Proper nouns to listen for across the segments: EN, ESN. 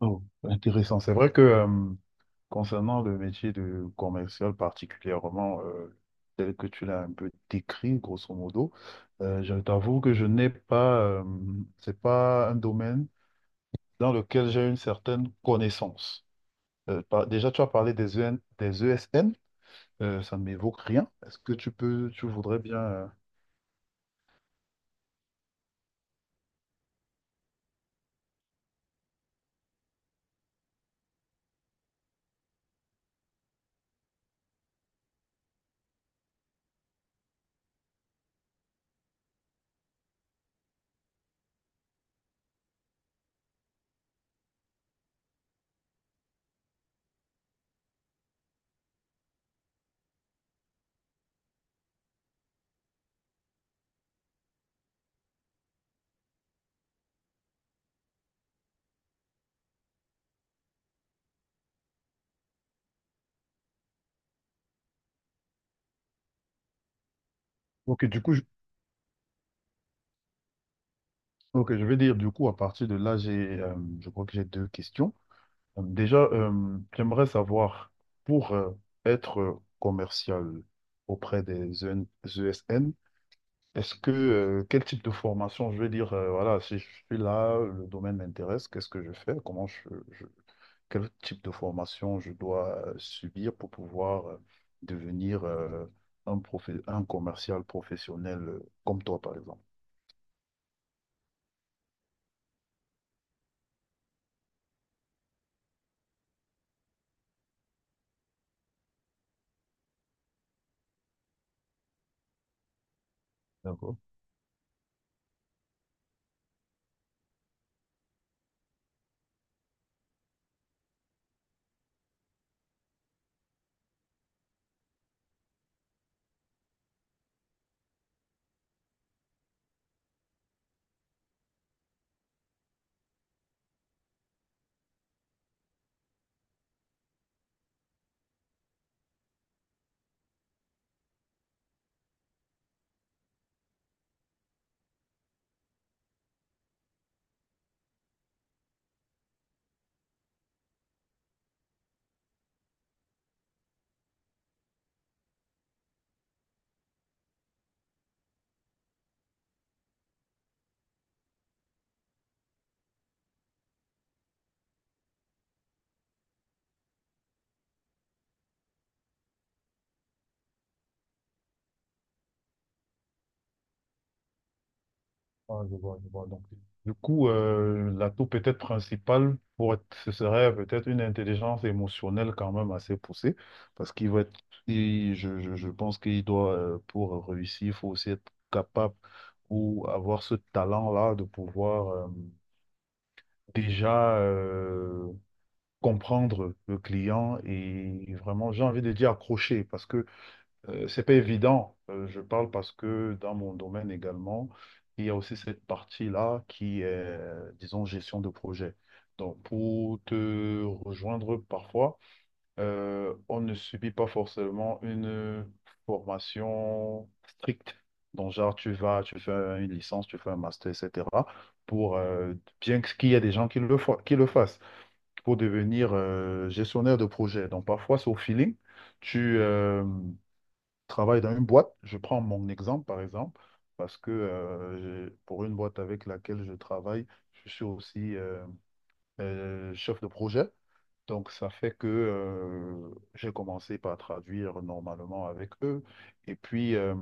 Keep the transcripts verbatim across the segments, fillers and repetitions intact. Oh, intéressant. C'est vrai que euh, concernant le métier de commercial particulièrement, euh, tel que tu l'as un peu décrit, grosso modo, euh, je t'avoue que je n'ai pas, euh, c'est pas un domaine dans lequel j'ai une certaine connaissance. Euh, par- déjà, tu as parlé des E N des E S N, euh, ça ne m'évoque rien. Est-ce que tu peux, tu voudrais bien... euh, Ok, du coup, je... ok, je vais dire, du coup, à partir de là, j'ai, euh, je crois que j'ai deux questions. Déjà, euh, j'aimerais savoir, pour euh, être euh, commercial auprès des E N E S N, est-ce que, euh, quel type de formation, je vais dire, euh, voilà, si je suis là, le domaine m'intéresse, qu'est-ce que je fais, comment je, je- quel type de formation je dois euh, subir pour pouvoir euh, devenir euh, un, profe- un commercial professionnel euh, comme toi, par exemple. D'accord. Ah, je vois, je vois. Donc, du coup, euh, l'atout peut-être principal pour être- ce serait peut-être une intelligence émotionnelle quand même assez poussée, parce qu'il va être, il- je, je- je pense qu'il doit, euh, pour réussir, il faut aussi être capable ou avoir ce talent-là de pouvoir euh, déjà euh, comprendre le client et vraiment, j'ai envie de dire accrocher parce que euh, c'est pas évident. Euh, je parle parce que dans mon domaine également, il y a aussi cette partie-là qui est, disons, gestion de projet. Donc, pour te rejoindre parfois, euh, on ne subit pas forcément une formation stricte. Donc, genre, tu vas, tu fais une licence, tu fais un master, et cetera. Pour, euh, bien que- qu'il y ait des gens qui le, fa- qui le fassent, pour devenir euh, gestionnaire de projet. Donc, parfois, c'est au feeling. Tu euh, travailles dans une boîte. Je prends mon exemple, par exemple, parce que euh, j'ai- pour une boîte avec laquelle je travaille, je suis aussi euh, euh, chef de projet. Donc, ça fait que euh, j'ai commencé par traduire normalement avec eux. Et puis, euh,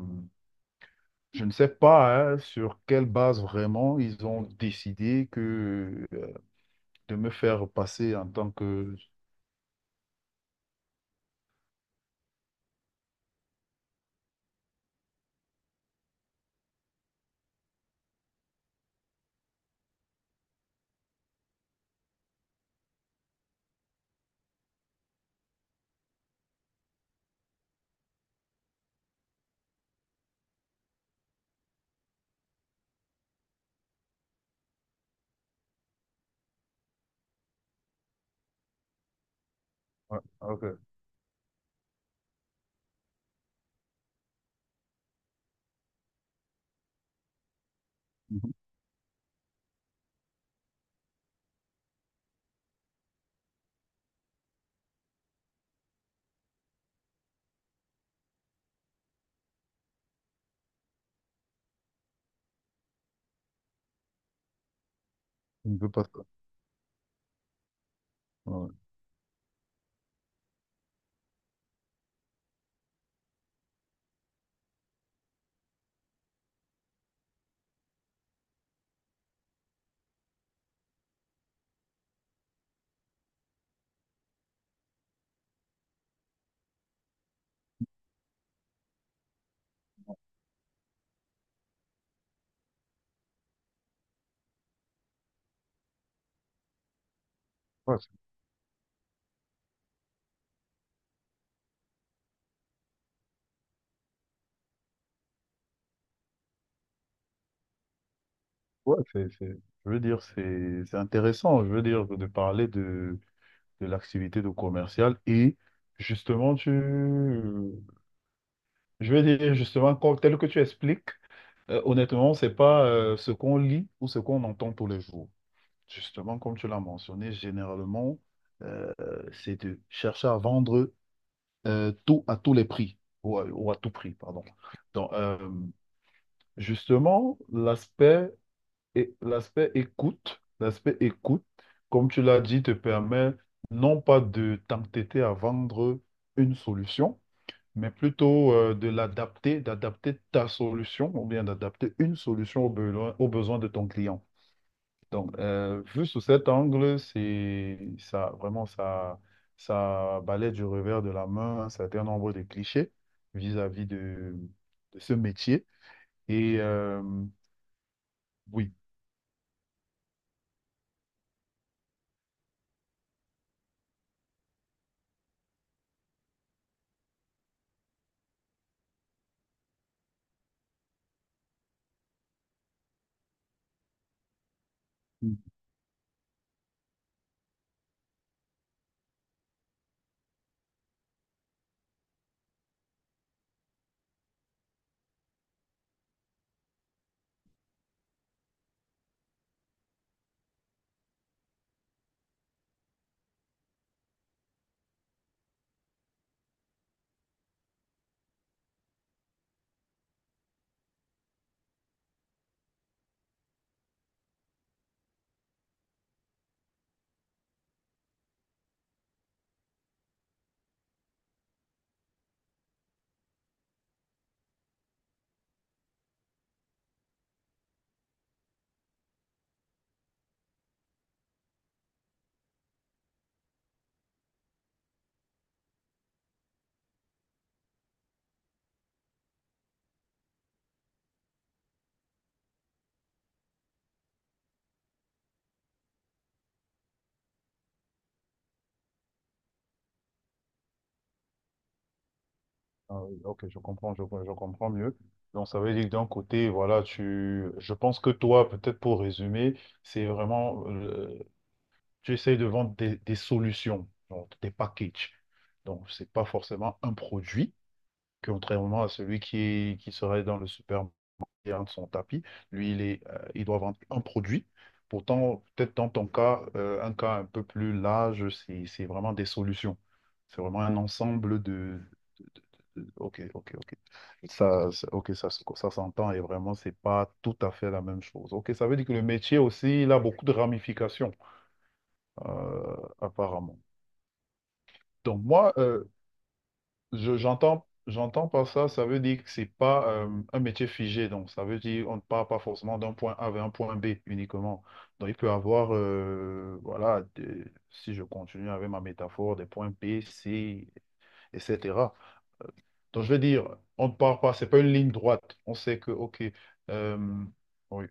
je ne sais pas hein, sur quelle base vraiment ils ont décidé que, euh, de me faire passer en tant que... Ouais, ok. Mhm. Je ne veux pas ça. Ouais. Ouais, c'est- ouais, c'est- c'est- je veux dire, c'est c'est intéressant. Je veux dire, de parler de, de l'activité de commercial et justement, tu... je veux dire, justement, comme- tel que tu expliques. Euh, honnêtement, c'est pas euh, ce qu'on lit ou ce qu'on entend tous les jours. Justement, comme tu l'as mentionné, généralement, euh, c'est de chercher à vendre euh, tout à tous les prix, ou à, ou à tout prix, pardon. Donc, euh, justement, l'aspect et l'aspect écoute, l'aspect écoute, comme tu l'as dit, te permet non pas de t'entêter à vendre une solution, mais plutôt euh, de l'adapter, d'adapter ta solution ou bien d'adapter une solution aux besoins, aux besoins de ton client. Donc, euh, vu sous cet angle, c'est ça, vraiment, ça, ça balaie du revers de la main un certain nombre de clichés vis-à-vis de, de ce métier. Et euh, oui. Ah oui, ok, je comprends, je, je comprends mieux. Donc, ça veut dire que d'un côté, voilà, tu, je pense que toi, peut-être pour résumer, c'est vraiment, euh, tu essayes de vendre des, des solutions, genre des packages. Donc, ce n'est pas forcément un produit, contrairement à celui qui, est- qui serait dans le supermarché de son tapis. Lui, il est, euh, il doit vendre un produit. Pourtant, peut-être dans ton cas, euh, un cas un peu plus large, c'est, c'est vraiment des solutions. C'est vraiment un ensemble de... de- Ok, ok, ok. Ça, ça- ok, ça, se- ça s'entend et vraiment, c'est pas tout à fait la même chose. Ok, ça veut dire que le métier aussi, il a beaucoup de ramifications, euh, apparemment. Donc moi, euh, je- j'entends, j'entends par ça, ça veut dire que c'est pas euh, un métier figé. Donc ça veut dire on ne part pas forcément d'un point A vers un point B uniquement. Donc il peut avoir, euh, voilà, des- si je continue avec ma métaphore, des points B, C, et cetera. Donc je veux dire, on ne part pas, c'est pas une ligne droite. On sait que, ok, euh, oui,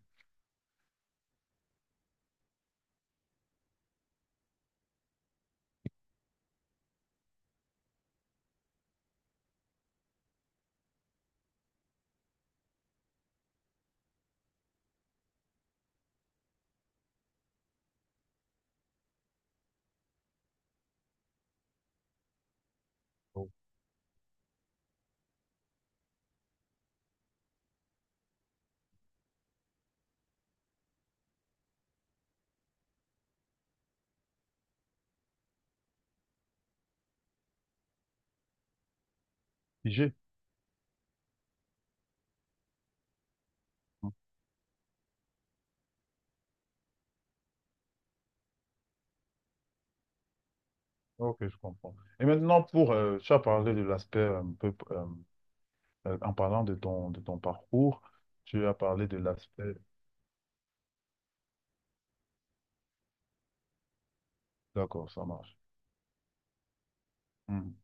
oh, figé. Ok, je comprends. Et maintenant, pour, euh, tu as parlé de l'aspect un peu euh, Euh, en parlant de ton, de ton parcours, tu as parlé de l'aspect. D'accord, ça marche. Mhm.